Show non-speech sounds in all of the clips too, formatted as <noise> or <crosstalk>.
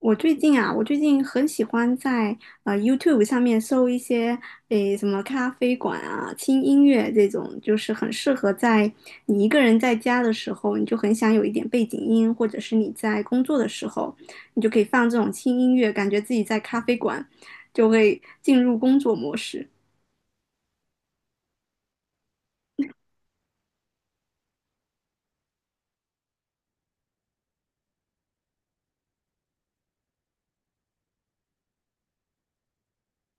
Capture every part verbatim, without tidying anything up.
我最近啊，我最近很喜欢在呃 Y O U T U B E 上面搜一些诶什么咖啡馆啊、轻音乐这种，就是很适合在你一个人在家的时候，你就很想有一点背景音，或者是你在工作的时候，你就可以放这种轻音乐，感觉自己在咖啡馆，就会进入工作模式。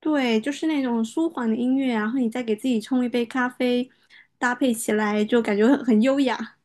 对，就是那种舒缓的音乐啊，然后你再给自己冲一杯咖啡，搭配起来就感觉很很优雅。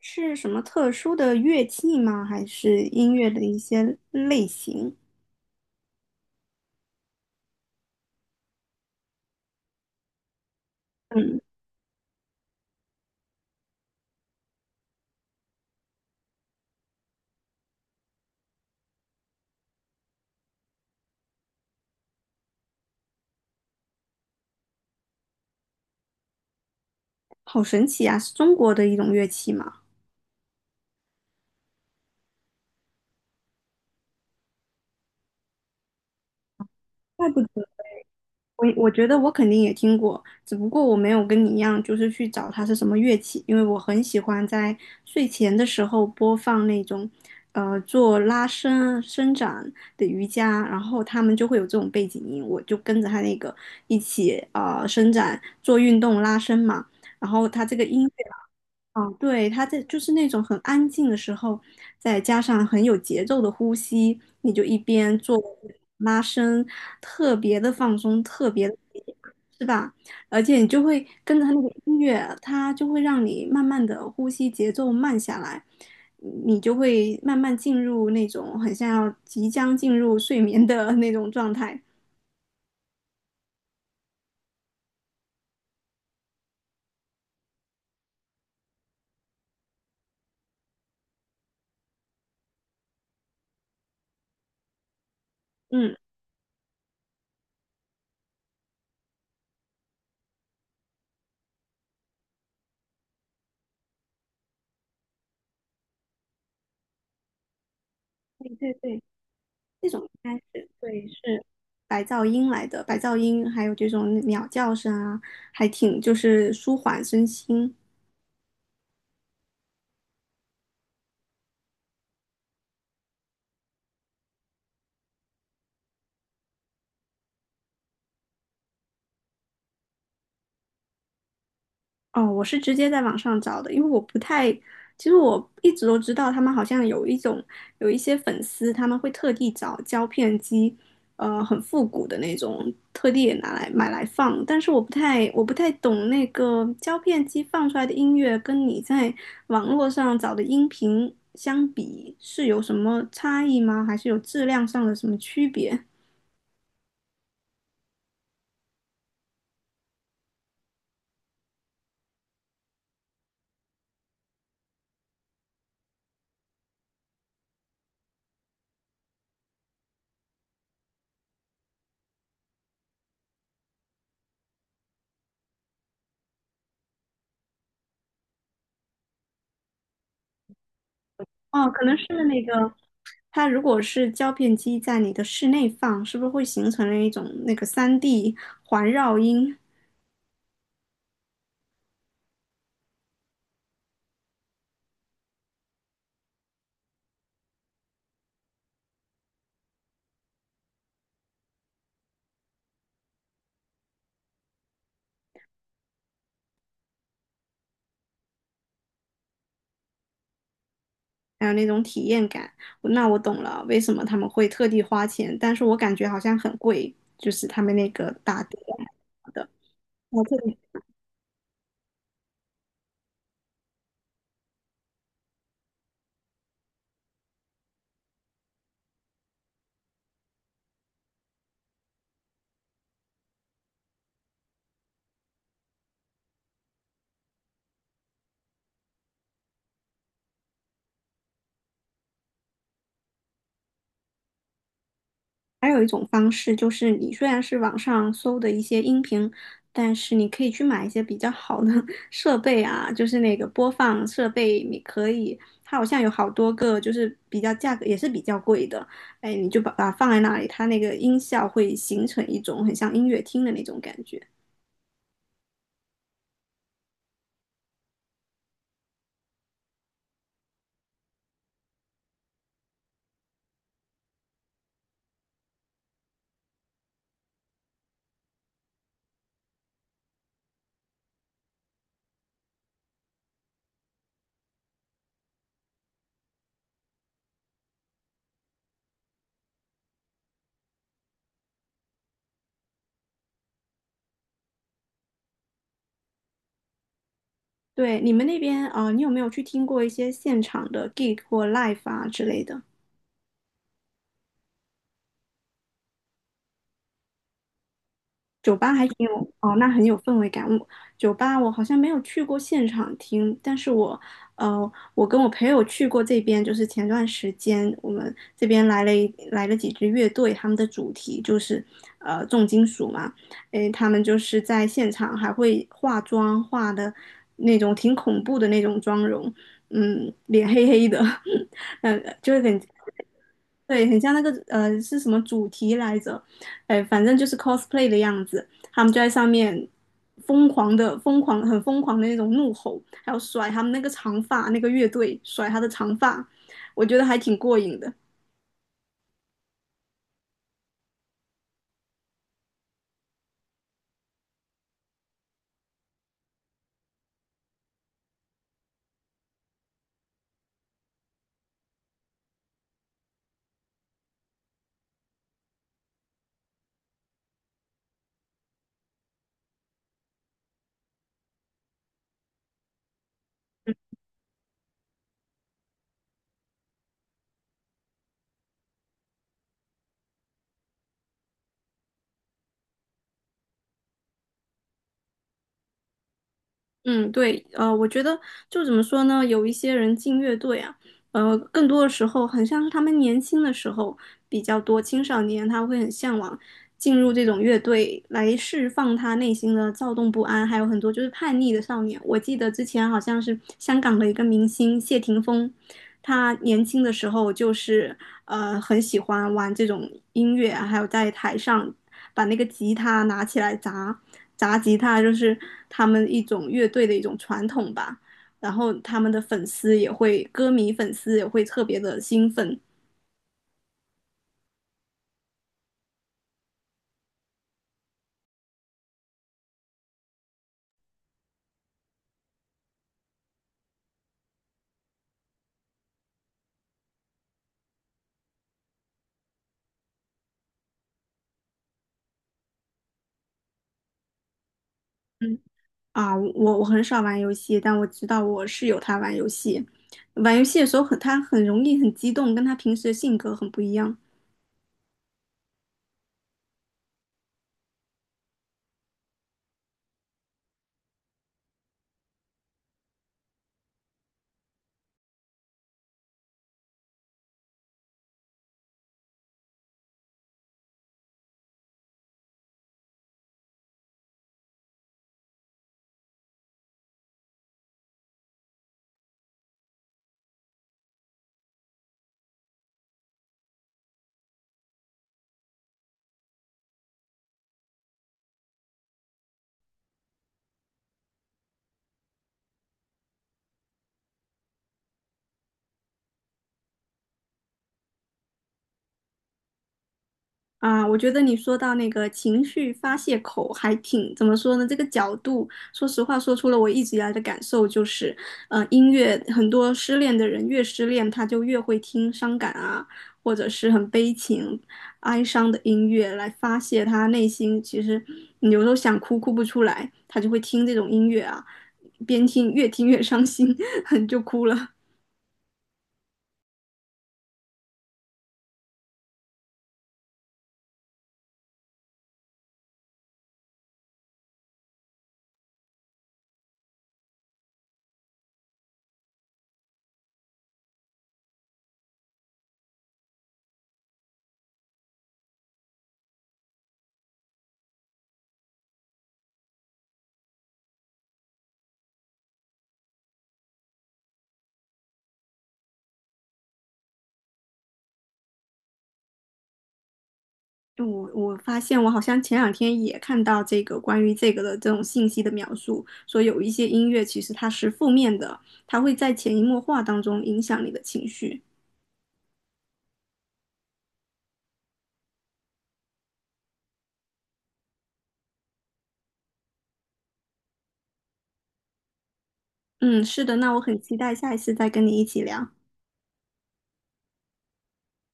是什么特殊的乐器吗？还是音乐的一些类型？嗯。好神奇啊！是中国的一种乐器吗？怪不得。我，我觉得我肯定也听过，只不过我没有跟你一样，就是去找它是什么乐器，因为我很喜欢在睡前的时候播放那种，呃，做拉伸伸展的瑜伽，然后他们就会有这种背景音，我就跟着他那个一起呃伸展做运动拉伸嘛，然后他这个音乐。啊，对，他在就是那种很安静的时候，再加上很有节奏的呼吸，你就一边做拉伸，特别的放松，特别的，是吧？而且你就会跟着他那个音乐，它就会让你慢慢的呼吸节奏慢下来，你就会慢慢进入那种很像要即将进入睡眠的 <laughs> 那种状态。嗯，对对对。那种应该是对，是白噪音来的，白噪音还有这种鸟叫声啊，还挺就是舒缓身心。哦，我是直接在网上找的，因为我不太，其实我一直都知道他们好像有一种有一些粉丝，他们会特地找胶片机，呃，很复古的那种，特地也拿来买来放。但是我不太我不太懂那个胶片机放出来的音乐跟你在网络上找的音频相比是有什么差异吗？还是有质量上的什么区别？哦，可能是那个。它如果是胶片机在你的室内放，是不是会形成了一种那个三 d 环绕音，还有那种体验感？那我懂了，为什么他们会特地花钱，但是我感觉好像很贵，就是他们那个打碟的。我还有一种方式就是，你虽然是网上搜的一些音频，但是你可以去买一些比较好的 <laughs> 设备啊，就是那个播放设备，你可以，它好像有好多个，就是比较价格也是比较贵的，哎，你就把把它放在那里，它那个音效会形成一种很像音乐厅的那种感觉。对，你们那边，呃，你有没有去听过一些现场的 gig 或 live 啊之类的？酒吧还挺有哦，那很有氛围感。我酒吧我好像没有去过现场听，但是我呃，我跟我朋友去过这边，就是前段时间我们这边来了一来了几支乐队，他们的主题就是呃重金属嘛，诶，他们就是在现场还会化妆，化的那种挺恐怖的那种妆容，嗯，脸黑黑的，<laughs> 嗯，就会很对，很像那个呃是什么主题来着？哎，反正就是 cosplay 的样子，他们就在上面疯狂的、疯狂、很疯狂的那种怒吼，还有甩他们那个长发，那个乐队甩他的长发，我觉得还挺过瘾的。嗯，对，呃，我觉得就怎么说呢，有一些人进乐队啊，呃，更多的时候很像是他们年轻的时候比较多，青少年他会很向往进入这种乐队来释放他内心的躁动不安，还有很多就是叛逆的少年。我记得之前好像是香港的一个明星谢霆锋，他年轻的时候就是呃很喜欢玩这种音乐啊还有在台上把那个吉他拿起来砸，砸吉他就是他们一种乐队的一种传统吧。然后他们的粉丝也会，歌迷粉丝也会特别的兴奋。嗯。啊，我我很少玩游戏，但我知道我室友他玩游戏，玩游戏的时候很他很容易很激动，跟他平时的性格很不一样。啊，我觉得你说到那个情绪发泄口还挺，怎么说呢？这个角度，说实话，说出了我一直以来的感受，就是，呃，音乐很多失恋的人越失恋，他就越会听伤感啊，或者是很悲情、哀伤的音乐来发泄他内心。其实你有时候想哭哭不出来，他就会听这种音乐啊，边听越听越伤心，<laughs> 就哭了。我我发现我好像前两天也看到这个关于这个的这种信息的描述，说有一些音乐其实它是负面的，它会在潜移默化当中影响你的情绪。嗯，是的，那我很期待下一次再跟你一起聊，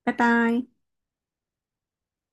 拜拜。